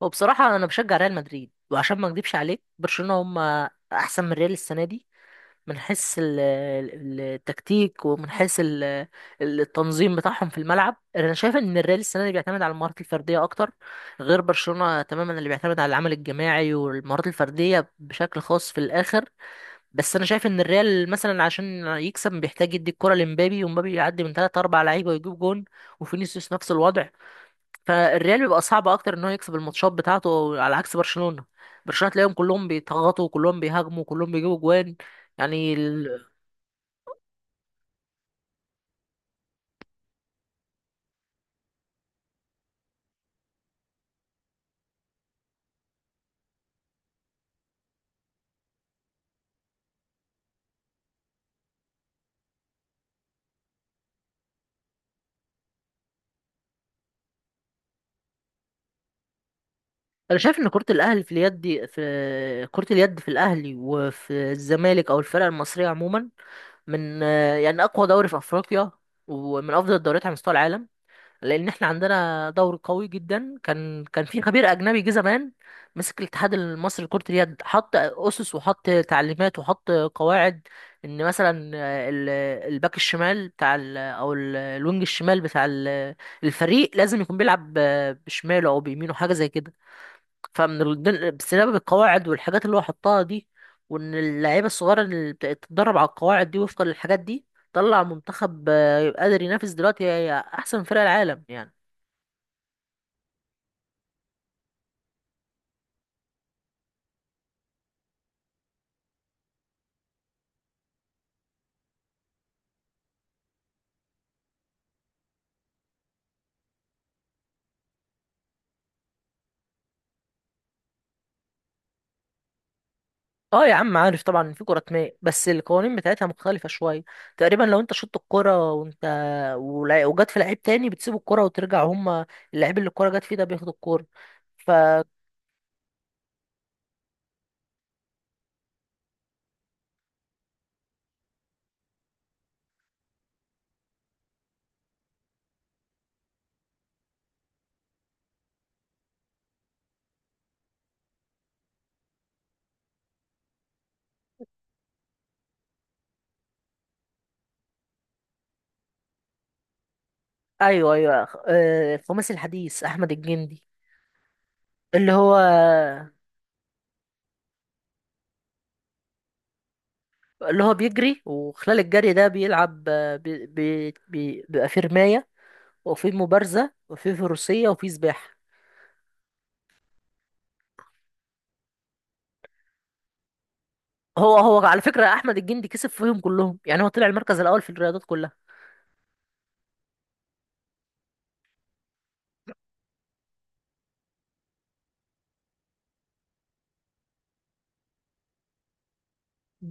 وبصراحة أنا بشجع ريال مدريد وعشان ما أكدبش عليك برشلونة هم أحسن من ريال السنة دي، من حيث التكتيك ومن حيث التنظيم بتاعهم في الملعب. أنا شايف إن الريال السنة دي بيعتمد على المهارات الفردية أكتر، غير برشلونة تماما، اللي بيعتمد على العمل الجماعي والمهارات الفردية بشكل خاص في الآخر. بس أنا شايف إن الريال مثلا عشان يكسب بيحتاج يدي الكرة لمبابي، ومبابي يعدي من تلات أربع لعيبة ويجيب جون، وفينيسيوس نفس الوضع. فالريال بيبقى صعب اكتر ان هو يكسب الماتشات بتاعته على عكس برشلونة. برشلونة تلاقيهم كلهم بيتغطوا، كلهم بيهاجموا، كلهم بيجيبوا جوان. يعني انا شايف ان كرة الاهلي في اليد دي، في كرة اليد في الاهلي وفي الزمالك او الفرق المصرية عموما، من يعني اقوى دوري في افريقيا، ومن افضل الدوريات على مستوى العالم، لان احنا عندنا دوري قوي جدا. كان في خبير اجنبي جه زمان، مسك الاتحاد المصري لكرة اليد، حط اسس وحط تعليمات وحط قواعد. ان مثلا الباك الشمال بتاع الوينج الشمال بتاع الفريق لازم يكون بيلعب بشماله او بيمينه، حاجه زي كده. فمن بسبب القواعد والحاجات اللي هو حطها دي، وان اللعيبه الصغيره اللي بتتدرب على القواعد دي وفقا للحاجات دي، طلع منتخب قادر ينافس دلوقتي احسن فرق العالم يعني. اه يا عم، عارف طبعا ان في كرة ماء بس القوانين بتاعتها مختلفة شوية. تقريبا لو انت شطت الكرة وانت وجت في لعيب تاني، بتسيب الكرة وترجع، هما اللعيب اللي الكرة جت فيه ده بياخد الكرة. ف ايوه، ايوه، الخماسي الحديث احمد الجندي. اللي هو اللي هو بيجري، وخلال الجري ده بيلعب، بيبقى في رماية وفي مبارزة وفي فروسية وفي سباحة. هو على فكرة احمد الجندي كسب فيهم كلهم، يعني هو طلع المركز الاول في الرياضات كلها.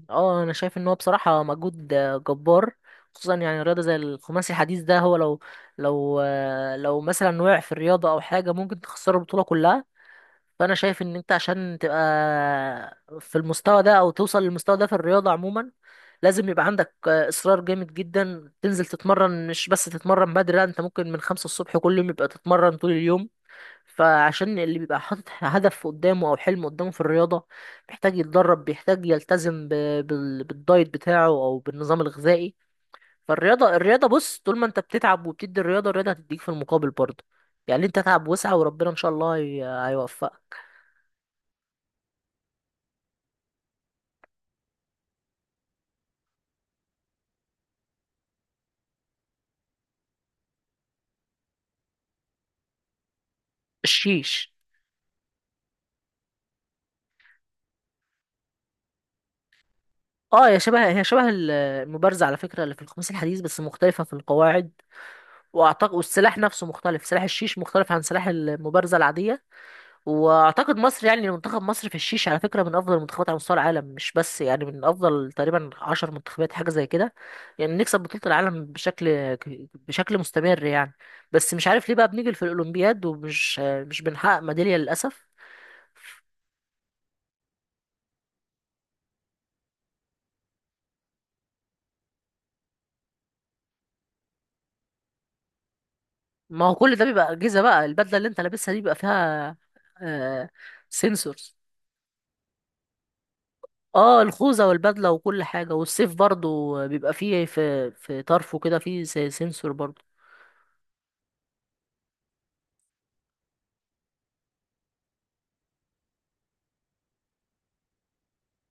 اه، انا شايف ان هو بصراحه مجهود جبار. خصوصا يعني رياضه زي الخماسي الحديث ده، هو لو مثلا وقع في الرياضه او حاجه ممكن تخسر البطوله كلها. فانا شايف ان انت عشان تبقى في المستوى ده او توصل للمستوى ده في الرياضه عموما، لازم يبقى عندك اصرار جامد جدا، تنزل تتمرن. مش بس تتمرن بدري، لا، انت ممكن من 5 الصبح كل يوم يبقى تتمرن طول اليوم. فعشان اللي بيبقى حاطط هدف قدامه او حلم قدامه في الرياضه، بيحتاج يتدرب، بيحتاج يلتزم بالدايت بتاعه او بالنظام الغذائي. فالرياضه بص، طول ما انت بتتعب وبتدي الرياضه، الرياضه هتديك في المقابل برضه. يعني انت تعب وسعى، وربنا ان شاء الله هيوفقك. الشيش. اه، يا شبه المبارزه على فكره، اللي في الخميس الحديث، بس مختلفه في القواعد. واعتقد والسلاح نفسه مختلف، سلاح الشيش مختلف عن سلاح المبارزه العاديه. واعتقد مصر، يعني منتخب مصر في الشيش على فكره من افضل المنتخبات على مستوى العالم، مش بس يعني من افضل تقريبا 10 منتخبات حاجه زي كده. يعني نكسب بطوله العالم بشكل مستمر يعني. بس مش عارف ليه بقى بنيجي في الاولمبياد ومش مش بنحقق ميداليه للاسف. ما هو كل ده بيبقى اجهزه بقى، البدله اللي انت لابسها دي بيبقى فيها آه سنسورز. اه، الخوذه والبدله وكل حاجه، والسيف برضو بيبقى فيه في طرفه كده فيه سنسور برضو.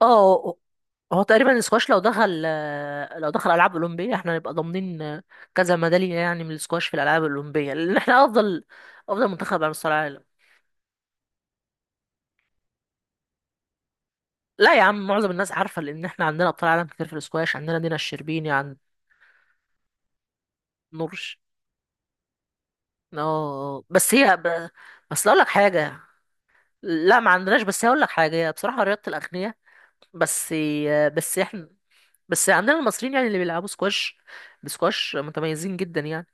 اه، هو تقريبا السكواش لو دخل العاب اولمبيه احنا هنبقى ضامنين كذا ميداليه يعني من السكواش في الالعاب الاولمبيه، لان احنا افضل منتخب على مستوى العالم. لا يا عم، معظم الناس عارفه لان احنا عندنا ابطال عالم كتير في السكواش. عندنا دينا الشربيني، عند نورش. اه، بس هي بس اقول لك حاجه. لا، ما عندناش، بس هقول لك حاجه، هي بصراحه رياضه الاغنياء. بس بس احنا عندنا المصريين يعني اللي بيلعبوا سكواش، بسكواش متميزين جدا يعني.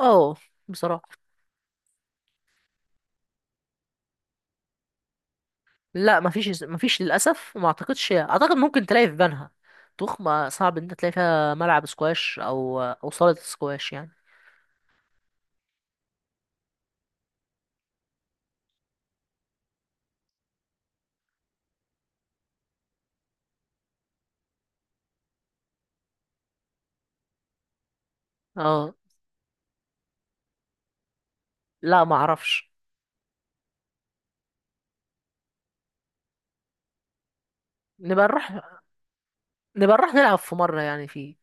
اه، بصراحه. لا، مفيش للاسف. وما اعتقدش، اعتقد ممكن تلاقي في بنها. طوخ ما، صعب ان انت تلاقي فيها ملعب سكواش او صالة سكواش يعني. اه، لا ما اعرفش. نبقى نروح نبقى نروح نلعب في مرة يعني، فيه.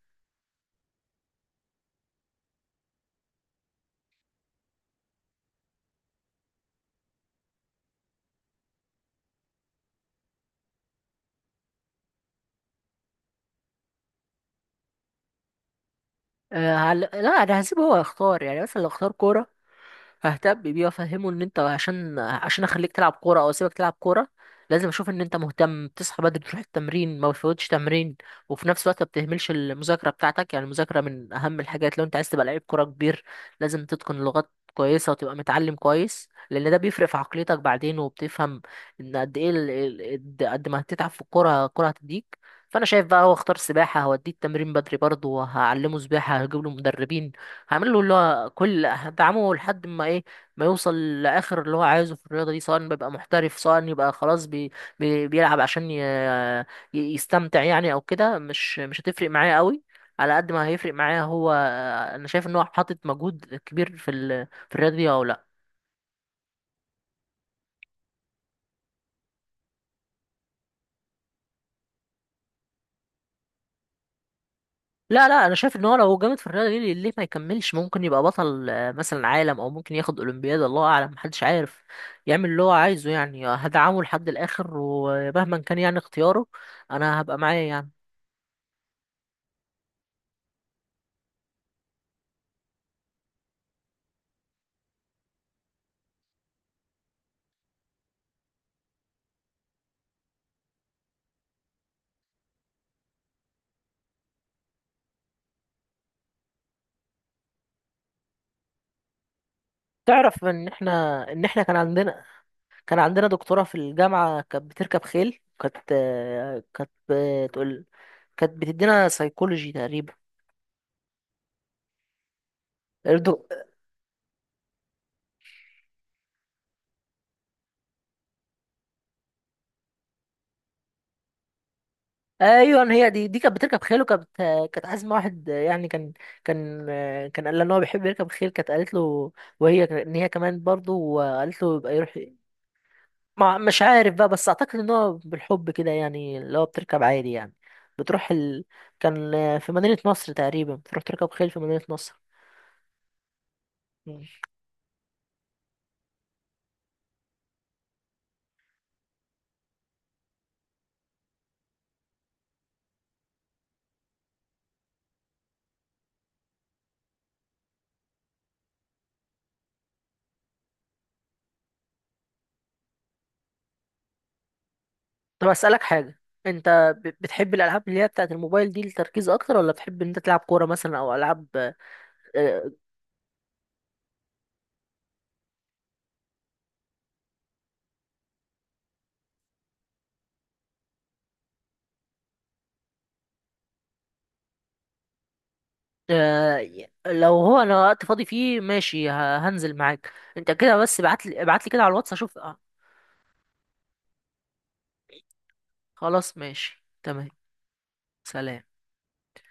لا، انا هسيبه هو يختار، يعني مثلا لو اختار كورة ههتم بيه وافهمه ان انت، عشان اخليك تلعب كوره او اسيبك تلعب كوره، لازم اشوف ان انت مهتم، بتصحى بدري تروح التمرين، ما بتفوتش تمرين، وفي نفس الوقت ما بتهملش المذاكره بتاعتك. يعني المذاكره من اهم الحاجات، لو انت عايز تبقى لعيب كوره كبير لازم تتقن لغات كويسه وتبقى متعلم كويس، لان ده بيفرق في عقليتك بعدين، وبتفهم ان قد ايه قد ما هتتعب في الكوره، الكوره هتديك. فانا شايف بقى، هو اختار سباحه، هوديه التمرين بدري برضه، وهعلمه سباحه، هجيب له مدربين، هعمل له اللي هو كل، هدعمه لحد ما ما يوصل لاخر اللي هو عايزه في الرياضه دي، سواء بيبقى محترف، سواء يبقى خلاص بيلعب عشان يستمتع يعني، او كده مش هتفرق معايا قوي، على قد ما هيفرق معايا هو. انا شايف ان هو حاطط مجهود كبير في في الرياضه دي او لا. لا، لا، انا شايف ان هو لو جامد في الرياضه دي، ليه ما يكملش، ممكن يبقى بطل مثلا عالم، او ممكن ياخد اولمبياد، الله اعلم، محدش عارف. يعمل اللي هو عايزه يعني، هدعمه لحد الاخر ومهما كان يعني اختياره، انا هبقى معاه يعني. تعرف ان احنا، كان عندنا دكتوره في الجامعه كانت بتركب خيل. كانت بتقول، كانت بتدينا سيكولوجي تقريبا. ايوه، هي دي كانت بتركب خيل وكانت، كانت عازمه واحد يعني، كان كان قال لها ان هو بيحب يركب خيل، كانت قالت له وهي ان هي كمان برضه، وقالت له يبقى يروح. ما مش عارف بقى، بس اعتقد ان هو بالحب كده يعني، اللي هو بتركب عادي يعني، بتروح كان في مدينه نصر تقريبا، بتروح تركب خيل في مدينه نصر. مم. طب اسالك حاجه، انت بتحب الالعاب اللي هي بتاعت الموبايل دي للتركيز اكتر، ولا بتحب ان انت تلعب كوره مثلا او العاب؟ آه، آه، لو هو، انا وقت فاضي فيه ماشي هنزل معاك انت كده. بس ابعت لي كده على الواتس اشوف. خلاص، ماشي، تمام. سلام.